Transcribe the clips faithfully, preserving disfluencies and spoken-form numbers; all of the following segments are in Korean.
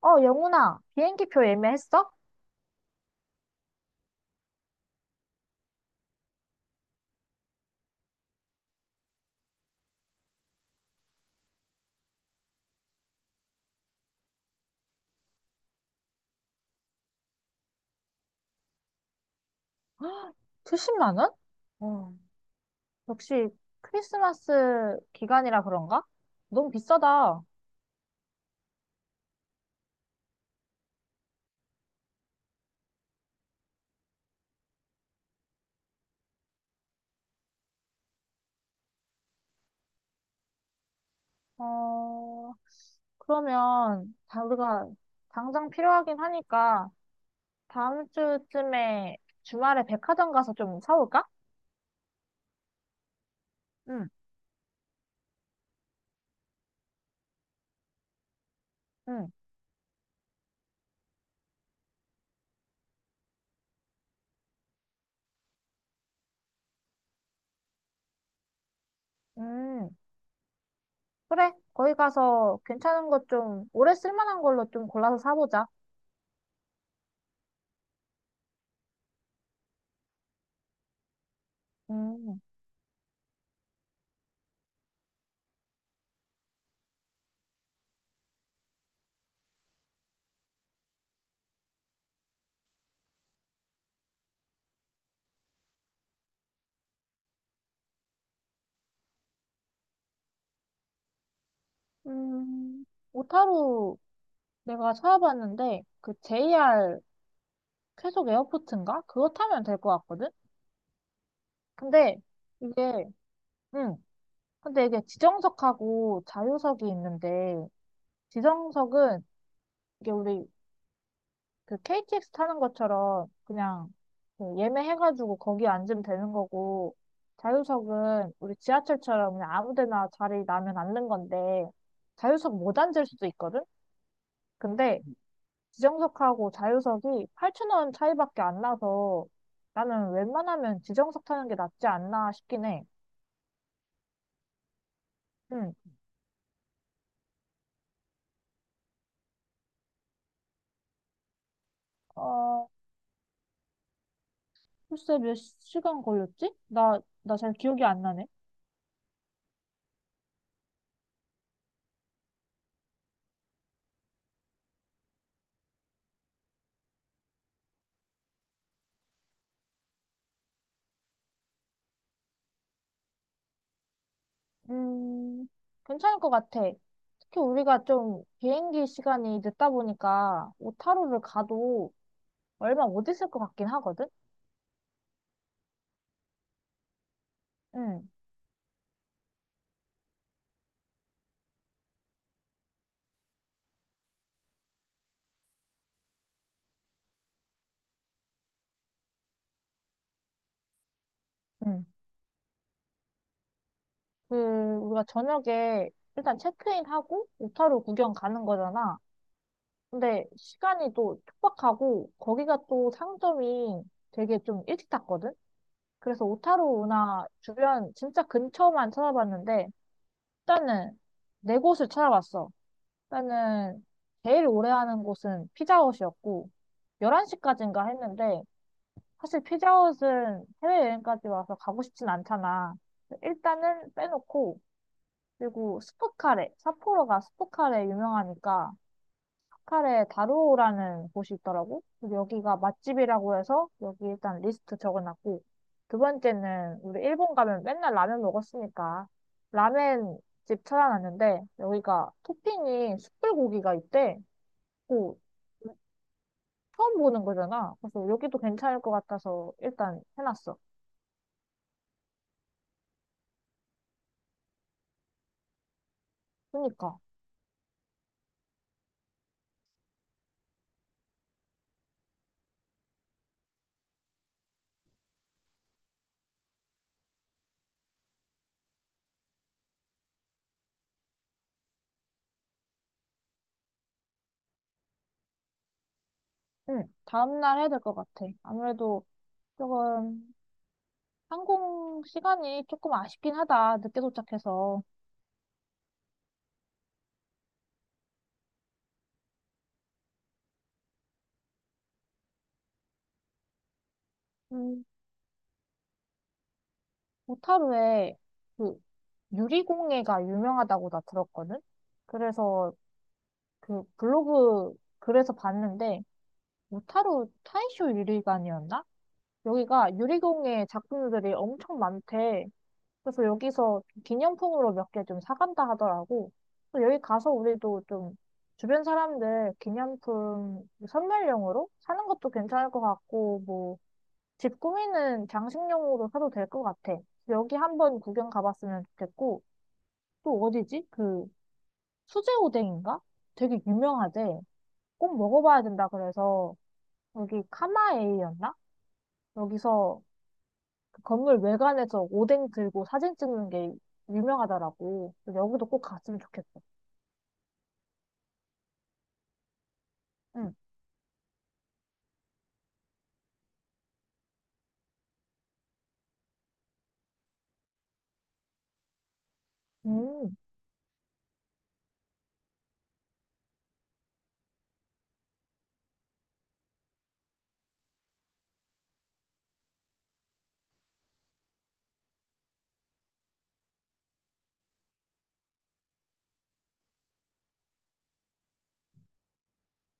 어, 영훈아, 비행기 표 예매했어? 칠십만 원? 어, 역시 크리스마스 기간이라 그런가? 너무 비싸다. 어, 그러면 다 우리가 당장 필요하긴 하니까 다음 주쯤에 주말에 백화점 가서 좀 사올까? 응, 응, 음, 그래. 거기 가서 괜찮은 것 좀, 오래 쓸만한 걸로 좀 골라서 사보자. 음, 음, 오타루 내가 찾아봤는데 그 제이아르 쾌속 에어포트인가? 그거 타면 될 것 같거든? 근데 이게 응. 근데 이게 지정석하고 자유석이 있는데 지정석은 이게 우리 그 케이티엑스 타는 것처럼 그냥 그 예매해가지고 거기 앉으면 되는 거고 자유석은 우리 지하철처럼 그냥 아무 데나 자리 나면 앉는 건데 자유석 못 앉을 수도 있거든? 근데 지정석하고 자유석이 팔천 원 차이밖에 안 나서 나는 웬만하면 지정석 타는 게 낫지 않나 싶긴 해. 응. 어, 글쎄 몇 시간 걸렸지? 나, 나 잘 기억이 안 나네. 음, 괜찮을 것 같아. 특히 우리가 좀 비행기 시간이 늦다 보니까 오타루를 가도 얼마 못 있을 것 같긴 하거든? 응, 응. 그, 우리가 저녁에 일단 체크인하고 오타루 구경 가는 거잖아. 근데 시간이 또 촉박하고 거기가 또 상점이 되게 좀 일찍 닫거든? 그래서 오타루 나 주변 진짜 근처만 찾아봤는데 일단은 네 곳을 찾아봤어. 일단은 제일 오래 하는 곳은 피자헛이었고 열한 시까지인가 했는데 사실 피자헛은 해외여행까지 와서 가고 싶진 않잖아. 일단은 빼놓고 그리고 스포카레, 삿포로가 스포카레 유명하니까 카에 다루오라는 곳이 있더라고. 그래서 여기가 맛집이라고 해서 여기 일단 리스트 적어놨고, 두 번째는 우리 일본 가면 맨날 라면 먹었으니까 라멘 집 찾아놨는데 여기가 토핑이 숯불고기가 있대. 오, 처음 보는 거잖아. 그래서 여기도 괜찮을 것 같아서 일단 해놨어. 그니까, 응, 다음날 해야 될 것 같아. 아무래도 조금 항공 시간이 조금 아쉽긴 하다. 늦게 도착해서. 음, 오타루에 그 유리공예가 유명하다고 나 들었거든? 그래서 그 블로그 글에서 봤는데 오타루 타이쇼 유리관이었나? 여기가 유리공예 작품들이 엄청 많대. 그래서 여기서 기념품으로 몇 개 좀 사간다 하더라고. 그 여기 가서 우리도 좀 주변 사람들 기념품 선물용으로 사는 것도 괜찮을 것 같고 뭐 집 꾸미는 장식용으로 사도 될 것 같아. 여기 한번 구경 가봤으면 좋겠고, 또 어디지? 그 수제오뎅인가? 되게 유명하대. 꼭 먹어봐야 된다 그래서 여기 카마에이였나? 여기서 그 건물 외관에서 오뎅 들고 사진 찍는 게 유명하더라고. 그래서 여기도 꼭 갔으면 좋겠어. 응. 음,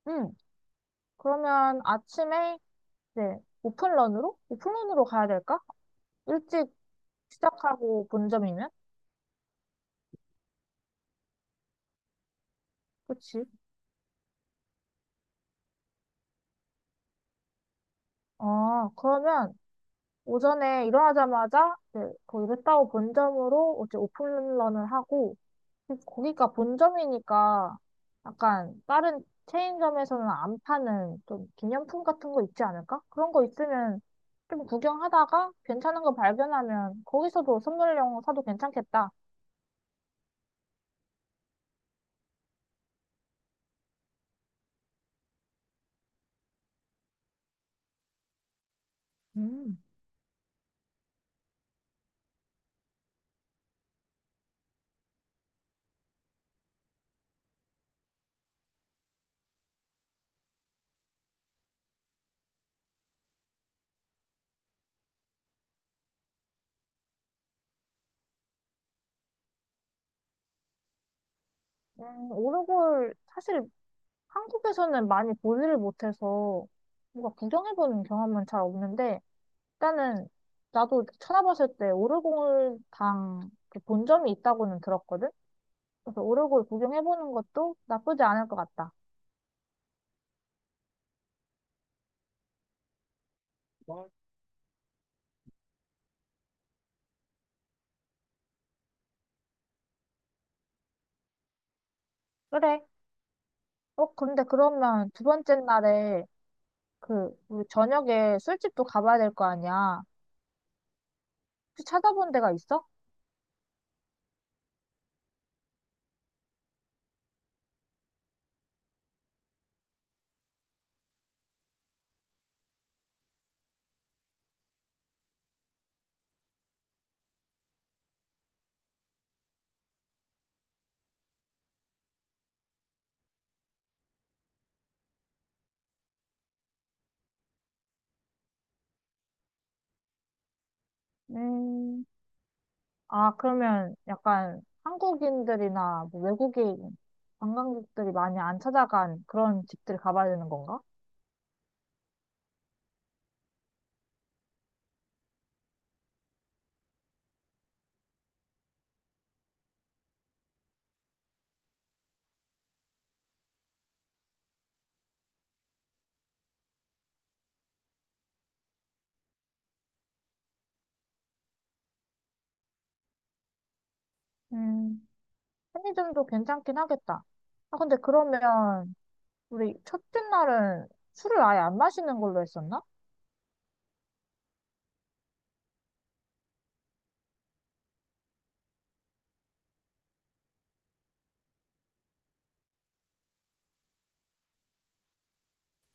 응. 그러면 아침에 이제 오픈런으로? 오픈런으로 가야 될까? 일찍 시작하고 본점이면? 그치? 아, 그러면 오전에 일어나자마자 이제 거기 루타고 본점으로 이제 오픈런을 하고 거기가 본점이니까 약간 다른 체인점에서는 안 파는 좀 기념품 같은 거 있지 않을까? 그런 거 있으면 좀 구경하다가 괜찮은 거 발견하면 거기서도 선물용 사도 괜찮겠다. 음. 음, 오르골 사실 한국에서는 많이 보지를 못해서 뭔가 구경해보는 경험은 잘 없는데 일단은 나도 찾아봤을 때 오르골당 그 본점이 있다고는 들었거든? 그래서 오르골 구경해보는 것도 나쁘지 않을 것 같다. 그래. 어, 근데 그러면 두 번째 날에 그 우리 저녁에 술집도 가봐야 될 거 아니야. 혹시 찾아본 데가 있어? 음, 아, 그러면 약간 한국인들이나 뭐 외국인 관광객들이 많이 안 찾아간 그런 집들 가봐야 되는 건가? 음, 편의점도 괜찮긴 하겠다. 아, 근데 그러면 우리 첫째 날은 술을 아예 안 마시는 걸로 했었나?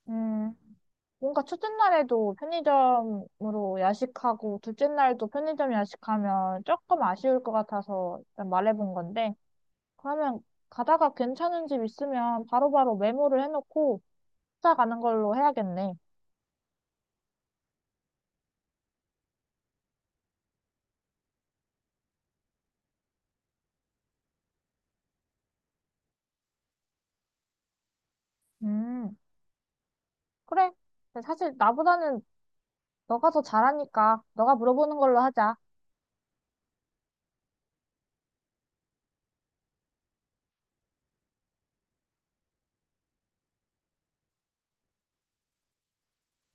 음, 뭔가 첫째 날에도 편의점으로 야식하고 둘째 날도 편의점 야식하면 조금 아쉬울 것 같아서 일단 말해본 건데, 그러면 가다가 괜찮은 집 있으면 바로바로 메모를 해놓고 찾아가는 걸로 해야겠네. 음, 그래. 근데 사실 나보다는 너가 더 잘하니까 너가 물어보는 걸로 하자.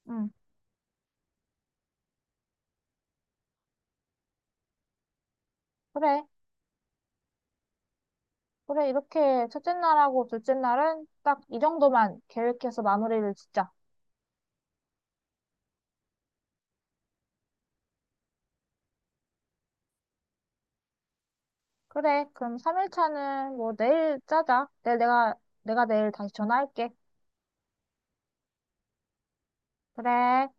음, 그래. 그래, 이렇게 첫째 날하고 둘째 날은 딱 이 정도만 계획해서 마무리를 짓자. 그래, 그럼 삼 일차는 뭐 내일 짜자. 내일 내가, 내가 내일 다시 전화할게. 그래.